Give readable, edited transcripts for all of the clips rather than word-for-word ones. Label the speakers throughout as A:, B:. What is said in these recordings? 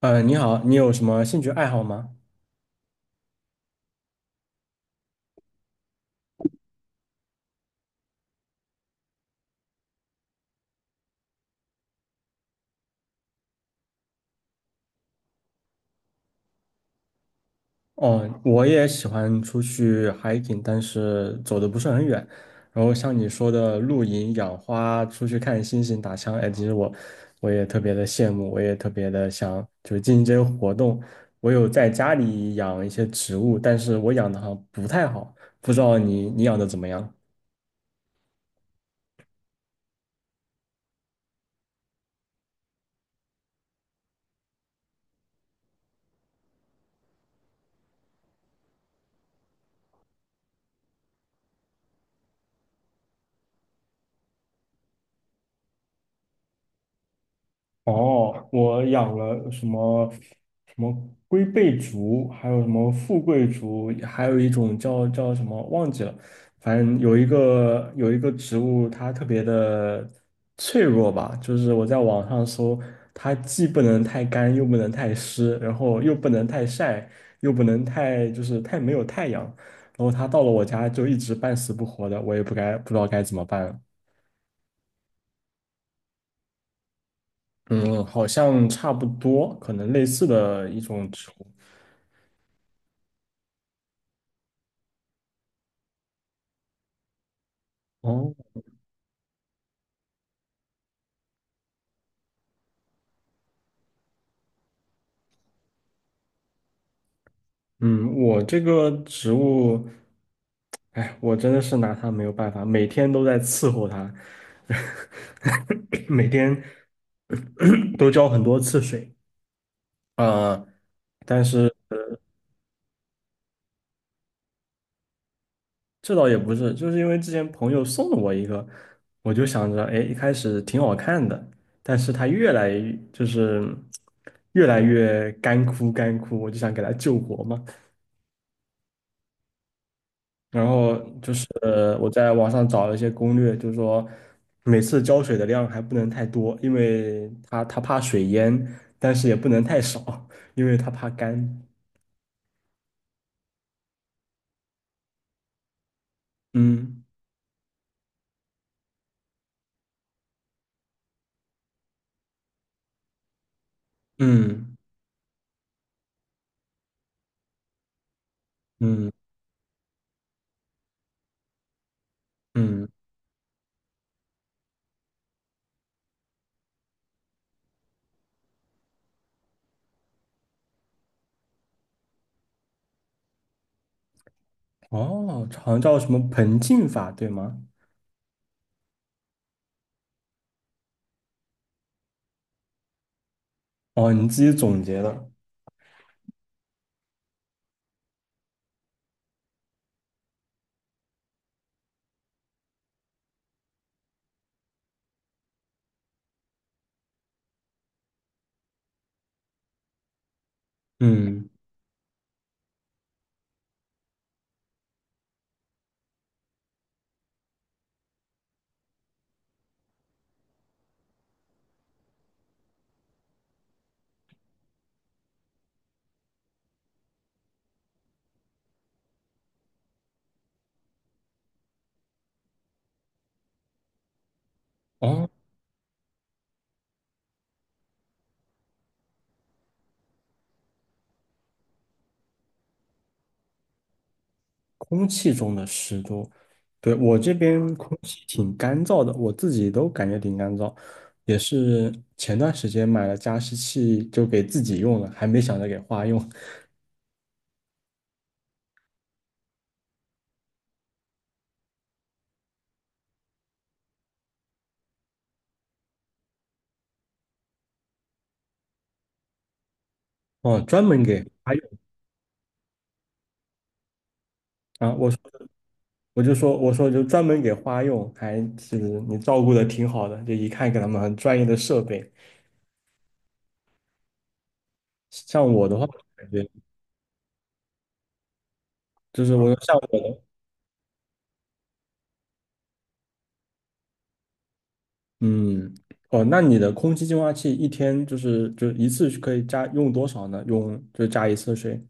A: 你好，你有什么兴趣爱好吗？哦，我也喜欢出去 hiking，但是走的不是很远。然后像你说的露营、养花、出去看星星、打枪，哎，其实我也特别的羡慕，我也特别的想就是进行这些活动。我有在家里养一些植物，但是我养的好像不太好，不知道你养的怎么样？哦，我养了什么龟背竹，还有什么富贵竹，还有一种叫什么忘记了，反正有一个植物，它特别的脆弱吧，就是我在网上搜，它既不能太干，又不能太湿，然后又不能太晒，又不能太就是太没有太阳，然后它到了我家就一直半死不活的，我也不知道该怎么办了。嗯，好像差不多，可能类似的一种植物。哦，嗯，我这个植物，哎，我真的是拿它没有办法，每天都在伺候它，每天 都浇很多次水。啊。但是这倒也不是，就是因为之前朋友送了我一个，我就想着，哎，一开始挺好看的，但是它越来就是越来越干枯，我就想给它救活嘛。然后就是我在网上找了一些攻略，就是说每次浇水的量还不能太多，因为它怕水淹，但是也不能太少，因为它怕干。嗯嗯嗯嗯，哦，好像叫什么盆浸法，对吗？哦，你自己总结的。嗯，哦，空气中的湿度，对，我这边空气挺干燥的，我自己都感觉挺干燥，也是前段时间买了加湿器，就给自己用了，还没想着给花用，哦，专门给花用啊，我说我说就专门给花用，还是你照顾的挺好的，就一看给他们很专业的设备。像我的话，感觉就是像我的，嗯。哦，那你的空气净化器一天就是就一次可以加用多少呢？用就加一次水。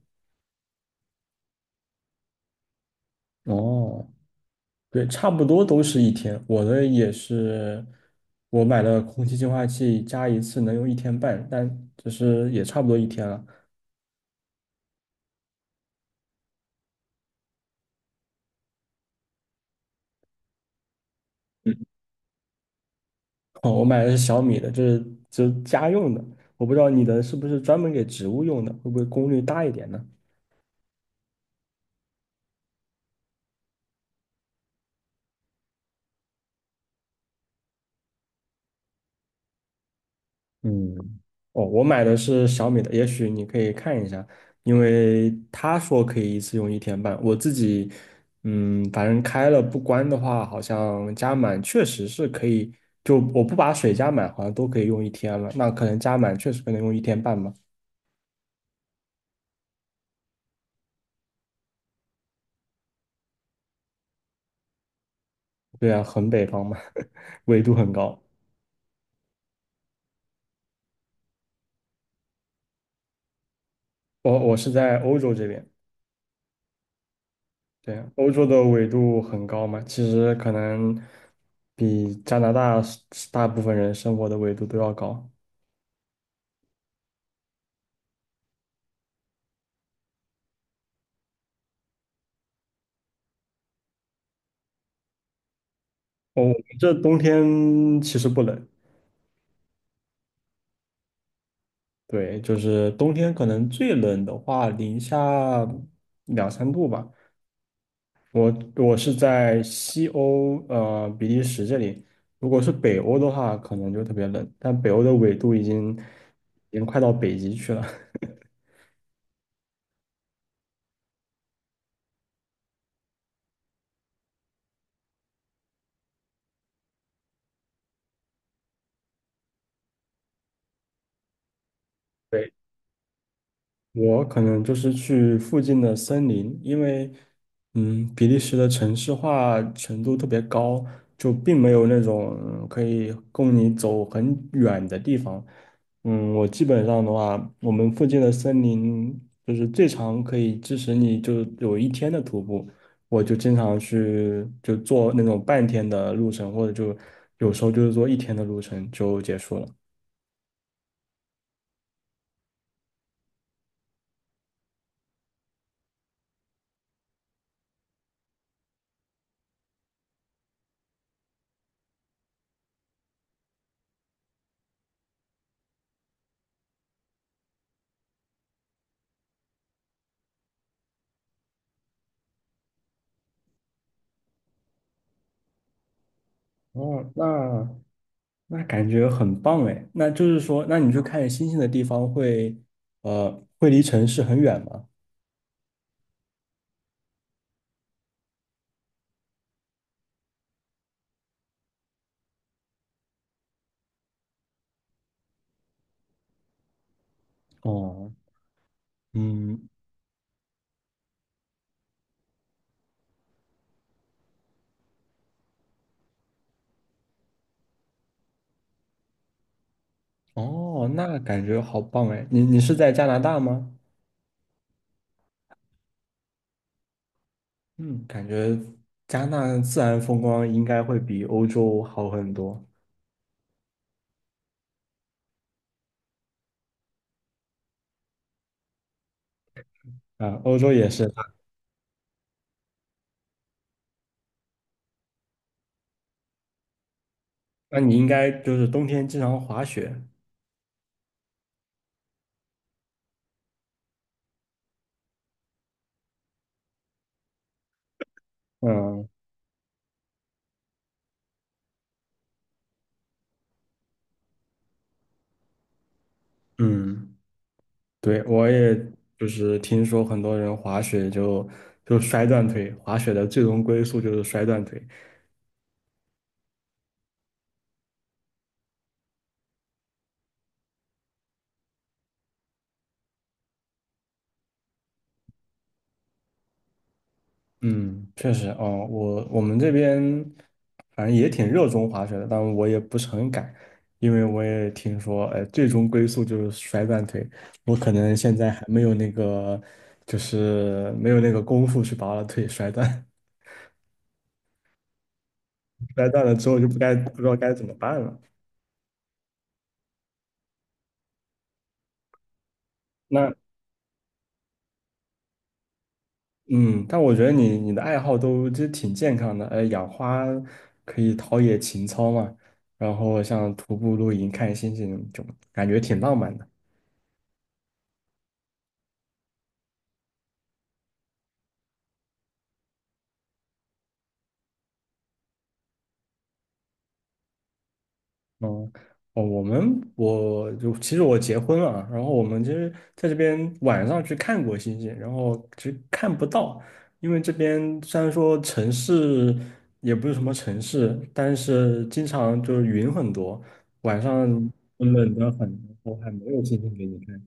A: 哦，对，差不多都是一天。我的也是，我买了空气净化器，加一次能用一天半，但就是也差不多一天了。嗯，哦，我买的是小米的，就是家用的。我不知道你的是不是专门给植物用的，会不会功率大一点呢？嗯，哦，我买的是小米的，也许你可以看一下，因为他说可以一次用一天半，我自己，嗯，反正开了不关的话，好像加满确实是可以，就我不把水加满，好像都可以用一天了，那可能加满确实可能用一天半吧，对啊，很北方嘛，纬度很高，我是在欧洲这边，对啊，欧洲的纬度很高嘛，其实可能比加拿大大部分人生活的纬度都要高。哦，我们这冬天其实不冷，对，就是冬天可能最冷的话，零下两三度吧。我我是在西欧，比利时这里。如果是北欧的话，可能就特别冷，但北欧的纬度已经快到北极去了。我可能就是去附近的森林，因为，嗯，比利时的城市化程度特别高，就并没有那种嗯可以供你走很远的地方。嗯，我基本上的话，我们附近的森林就是最长可以支持你就有一天的徒步，我就经常去就做那种半天的路程，或者就有时候就是做一天的路程就结束了。哦，那感觉很棒哎。那就是说，那你去看星星的地方会，会离城市很远吗？哦，嗯，哦，那感觉好棒哎。你是在加拿大吗？嗯，感觉加拿大自然风光应该会比欧洲好很多。啊，欧洲也是。那你应该就是冬天经常滑雪。嗯嗯，对，我也就是听说很多人滑雪就摔断腿，滑雪的最终归宿就是摔断腿。嗯，确实哦，我们这边反正也挺热衷滑雪的，但我也不是很敢，因为我也听说，最终归宿就是摔断腿，我可能现在还没有那个，就是没有那个功夫去把我的腿摔断，摔断了之后就不知道该怎么办了。那嗯，但我觉得你的爱好都其实挺健康的，养花可以陶冶情操嘛，然后像徒步、露营、看星星，就感觉挺浪漫的。嗯，哦，我们我就其实我结婚了，然后我们其实在这边晚上去看过星星，然后其实看不到，因为这边虽然说城市也不是什么城市，但是经常就是云很多，晚上冷得很，我还没有星星给你看。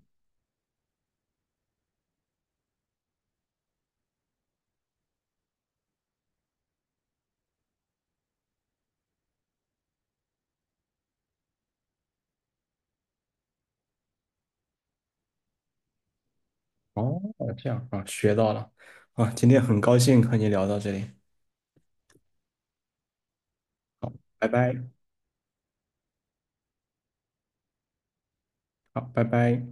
A: 哦，这样啊，学到了啊，今天很高兴和你聊到这里，拜拜，好，拜拜。